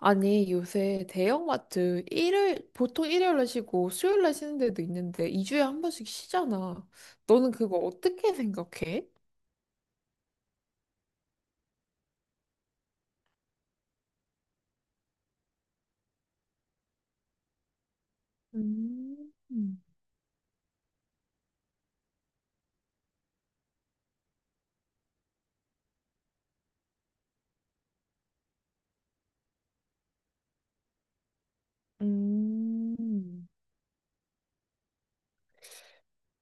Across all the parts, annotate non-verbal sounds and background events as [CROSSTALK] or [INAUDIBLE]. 아니, 요새 대형마트 일요일, 보통 일요일날 쉬고 수요일날 쉬는 데도 있는데 2주에 한 번씩 쉬잖아. 너는 그거 어떻게 생각해? 음. 음. 음,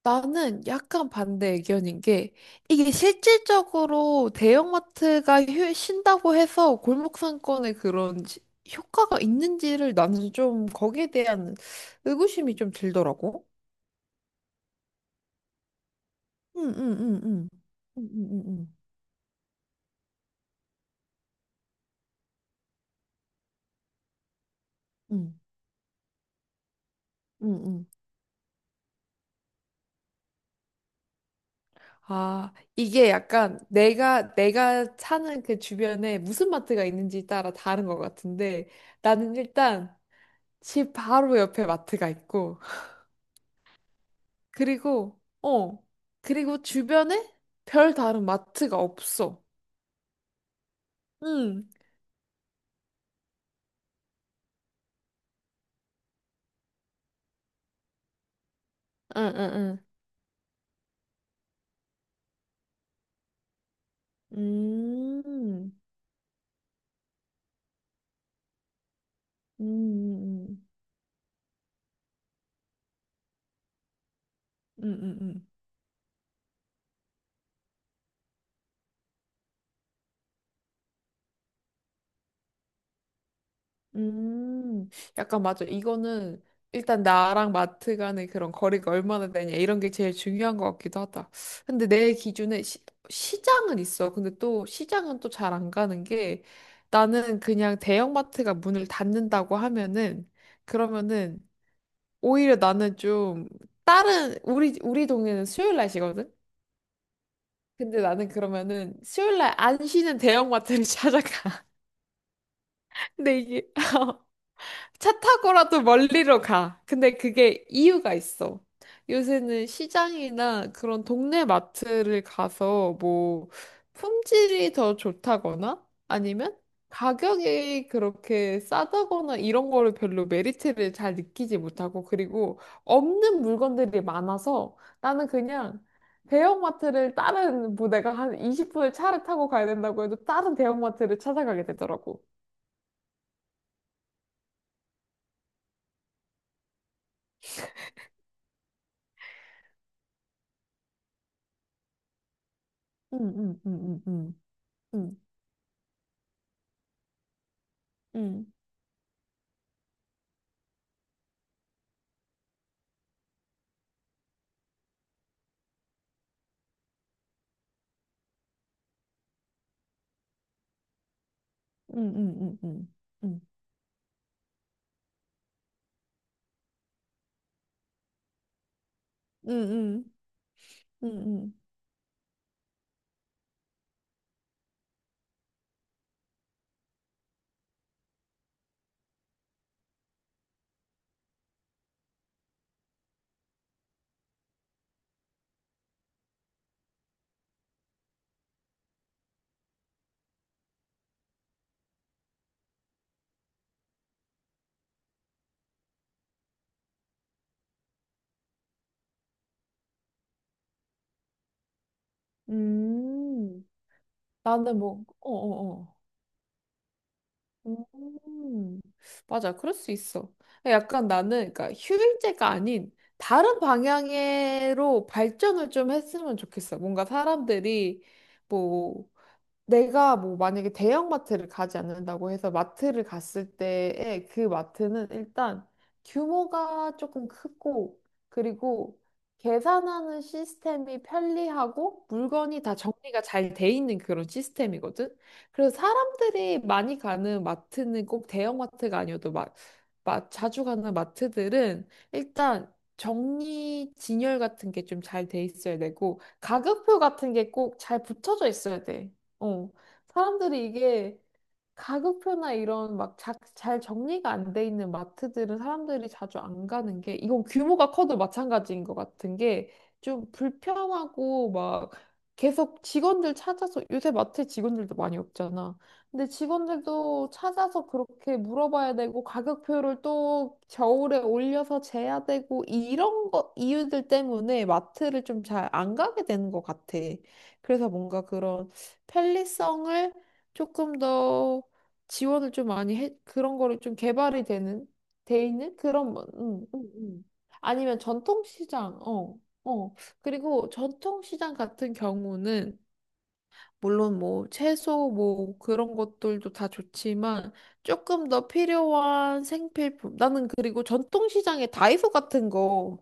나는 약간 반대 의견인 게 이게 실질적으로 대형마트가 쉰다고 해서 골목 상권에 효과가 있는지를 나는 좀 거기에 대한 의구심이 좀 들더라고. 응, 응, 응, 응. 응, 응, 응, 응. 응, 응, 응. 아, 이게 약간 내가 사는 그 주변에 무슨 마트가 있는지 따라 다른 것 같은데 나는 일단 집 바로 옆에 마트가 있고 그리고, 어, 그리고 주변에 별 다른 마트가 없어. 응, 응, 응, 응. 음, 음, 음, 음. 음, 음. 음, 약간 맞아. 이거는 일단 나랑 마트 간의 그런 거리가 얼마나 되냐 이런 게 제일 중요한 것 같기도 하다. 근데 내 기준에 시, 시장은 있어. 근데 또 시장은 또 잘 안 가는 게 나는 그냥 대형마트가 문을 닫는다고 하면은 그러면은 오히려 나는 좀 다른 우리 동네는 수요일 날이거든. 근데 나는 그러면은 수요일 날 안 쉬는 대형마트를 [LAUGHS] 찾아가. 근데 이게 [LAUGHS] 차 타고라도 멀리로 가. 근데 그게 이유가 있어. 요새는 시장이나 그런 동네 마트를 가서 뭐 품질이 더 좋다거나 아니면 가격이 그렇게 싸다거나 이런 거를 별로 메리트를 잘 느끼지 못하고 그리고 없는 물건들이 많아서 나는 그냥 대형마트를 다른 뭐 내가 한 20분을 차를 타고 가야 된다고 해도 다른 대형마트를 찾아가게 되더라고. 응, 응, 응, 응, 응. 응. 응. 음, 음, 음, 음, 음, 음, 음, 음, 음. 나는 뭐, 어, 어, 어. 음, 맞아, 그럴 수 있어. 약간 나는, 그러니까 휴일제가 아닌 다른 방향으로 발전을 좀 했으면 좋겠어. 뭔가 사람들이 뭐 내가 뭐 만약에 대형마트를 가지 않는다고 해서 마트를 갔을 때에 그 마트는 일단 규모가 조금 크고 그리고 계산하는 시스템이 편리하고 물건이 다 정리가 잘 돼 있는 그런 시스템이거든. 그래서 사람들이 많이 가는 마트는 꼭 대형마트가 아니어도 막, 막 자주 가는 마트들은 일단 정리 진열 같은 게 좀 잘 돼 있어야 되고 가격표 같은 게 꼭 잘 붙여져 있어야 돼. 어, 사람들이 이게, 가격표나 이런 막 잘 정리가 안 돼 있는 마트들은 사람들이 자주 안 가는 게 이건 규모가 커도 마찬가지인 것 같은 게 좀 불편하고 막 계속 직원들 찾아서 요새 마트 직원들도 많이 없잖아. 근데 직원들도 찾아서 그렇게 물어봐야 되고 가격표를 또 겨울에 올려서 재야 되고 이런 거 이유들 때문에 마트를 좀 잘 안 가게 되는 것 같아. 그래서 뭔가 그런 편리성을 조금 더 지원을 좀 많이 해, 그런 거를 좀 돼 있는 그런, 아니면 전통시장, 어, 어. 그리고 전통시장 같은 경우는, 물론 뭐 채소 뭐 그런 것들도 다 좋지만, 조금 더 필요한 생필품. 나는 그리고 전통시장에 다이소 같은 거,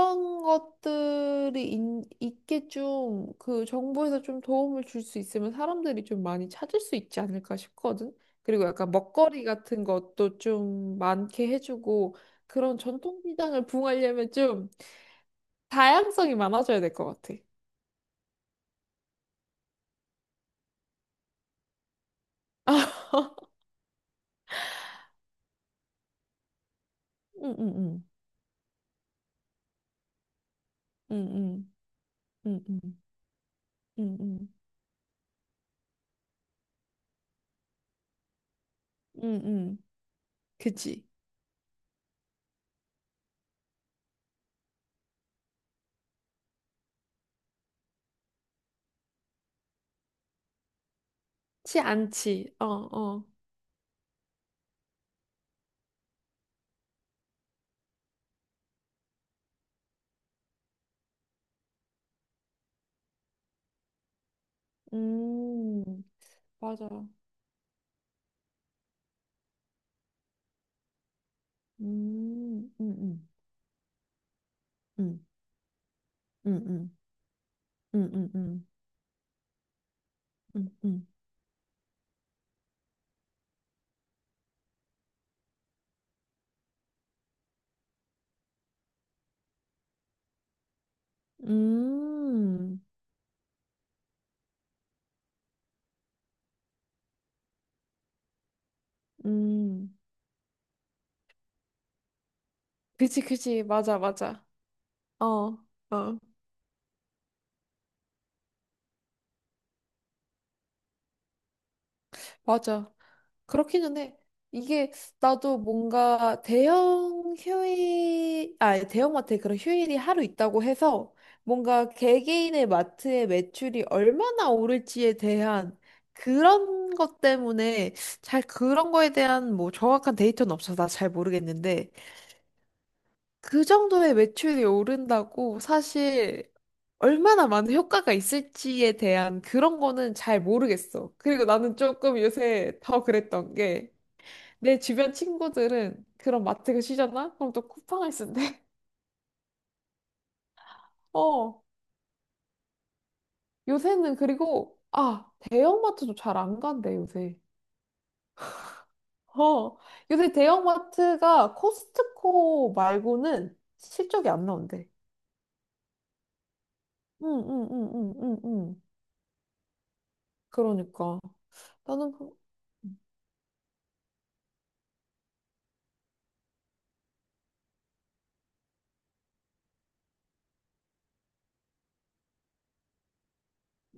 그런 것들이 있게 좀 그 정부에서 좀 도움을 줄 수 있으면 사람들이 좀 많이 찾을 수 있지 않을까 싶거든. 그리고 약간 먹거리 같은 것도 좀 많게 해주고 그런 전통 시장을 붕하려면 좀 다양성이 많아져야 될 것 같아. 응응응 응응 응응 응응 응응 그치. 치 않지. 어 어. 음 맞아. 응응 응응 응응응. 응응. 음. 음. 음. 음, 음. 그치 그치. 맞아 맞아. 어. 어. 맞아. 그렇기는 해. 이게 나도 뭔가 대형마트에 그런 휴일이 하루 있다고 해서 뭔가 개개인의 마트의 매출이 얼마나 오를지에 대한 그런 것 때문에 잘 그런 거에 대한 뭐 정확한 데이터는 없어서 나 잘 모르겠는데 그 정도의 매출이 오른다고 사실 얼마나 많은 효과가 있을지에 대한 그런 거는 잘 모르겠어. 그리고 나는 조금 요새 더 그랬던 게 내 주변 친구들은 그런 마트가 쉬잖아? 그럼 또 쿠팡을 쓴대. [LAUGHS] 어, 요새는 그리고 아, 대형마트도 잘 안 간대, 요새. 어, 요새 대형마트가 코스트코 말고는 실적이 안 나온대. 응, 응, 응, 응, 응, 응. 그러니까. 나는 그-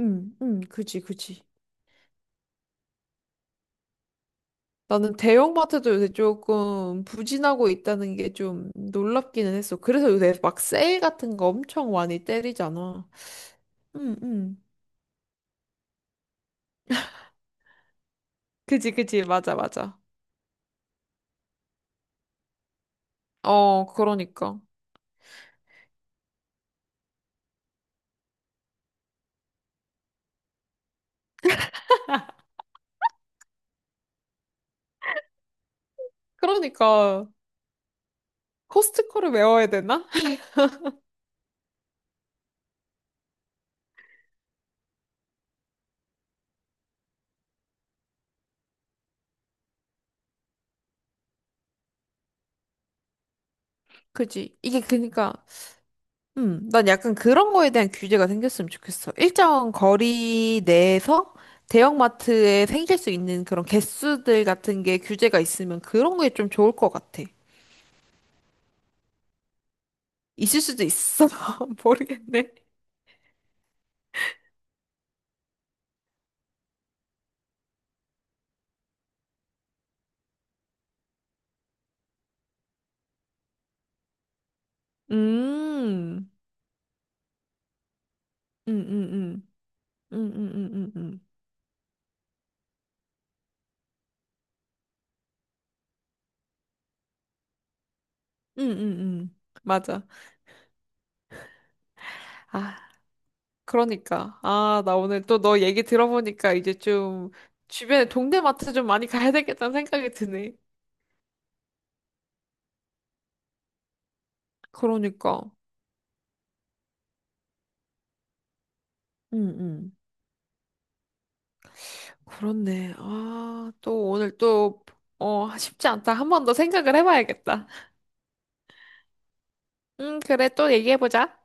그지, 그지. 나는 대형마트도 요새 조금 부진하고 있다는 게 좀 놀랍기는 했어. 그래서 요새 막 세일 같은 거 엄청 많이 때리잖아. 음, 음. 그지, 그지. 맞아, 맞아. 어, 그러니까. 그러니까, 코스트코를 외워야 되나? [LAUGHS] 그지. 난 약간 그런 거에 대한 규제가 생겼으면 좋겠어. 일정 거리 내에서 대형마트에 생길 수 있는 그런 개수들 같은 게 규제가 있으면 그런 게 좀 좋을 것 같아. 있을 수도 있어. [LAUGHS] 모르겠네. 음, 음, 음, 음, 음, 음, 음, 음, 맞아. 아, 그러니까. 아, 나 오늘 또 너 얘기 들어보니까 이제 좀 주변에 동네 마트 좀 많이 가야 되겠다는 생각이 드네. 그러니까. 음, 음. 그렇네. 아, 또 오늘 또, 어, 쉽지 않다. 한 번 더 생각을 해봐야겠다. 그래. 또 얘기해보자.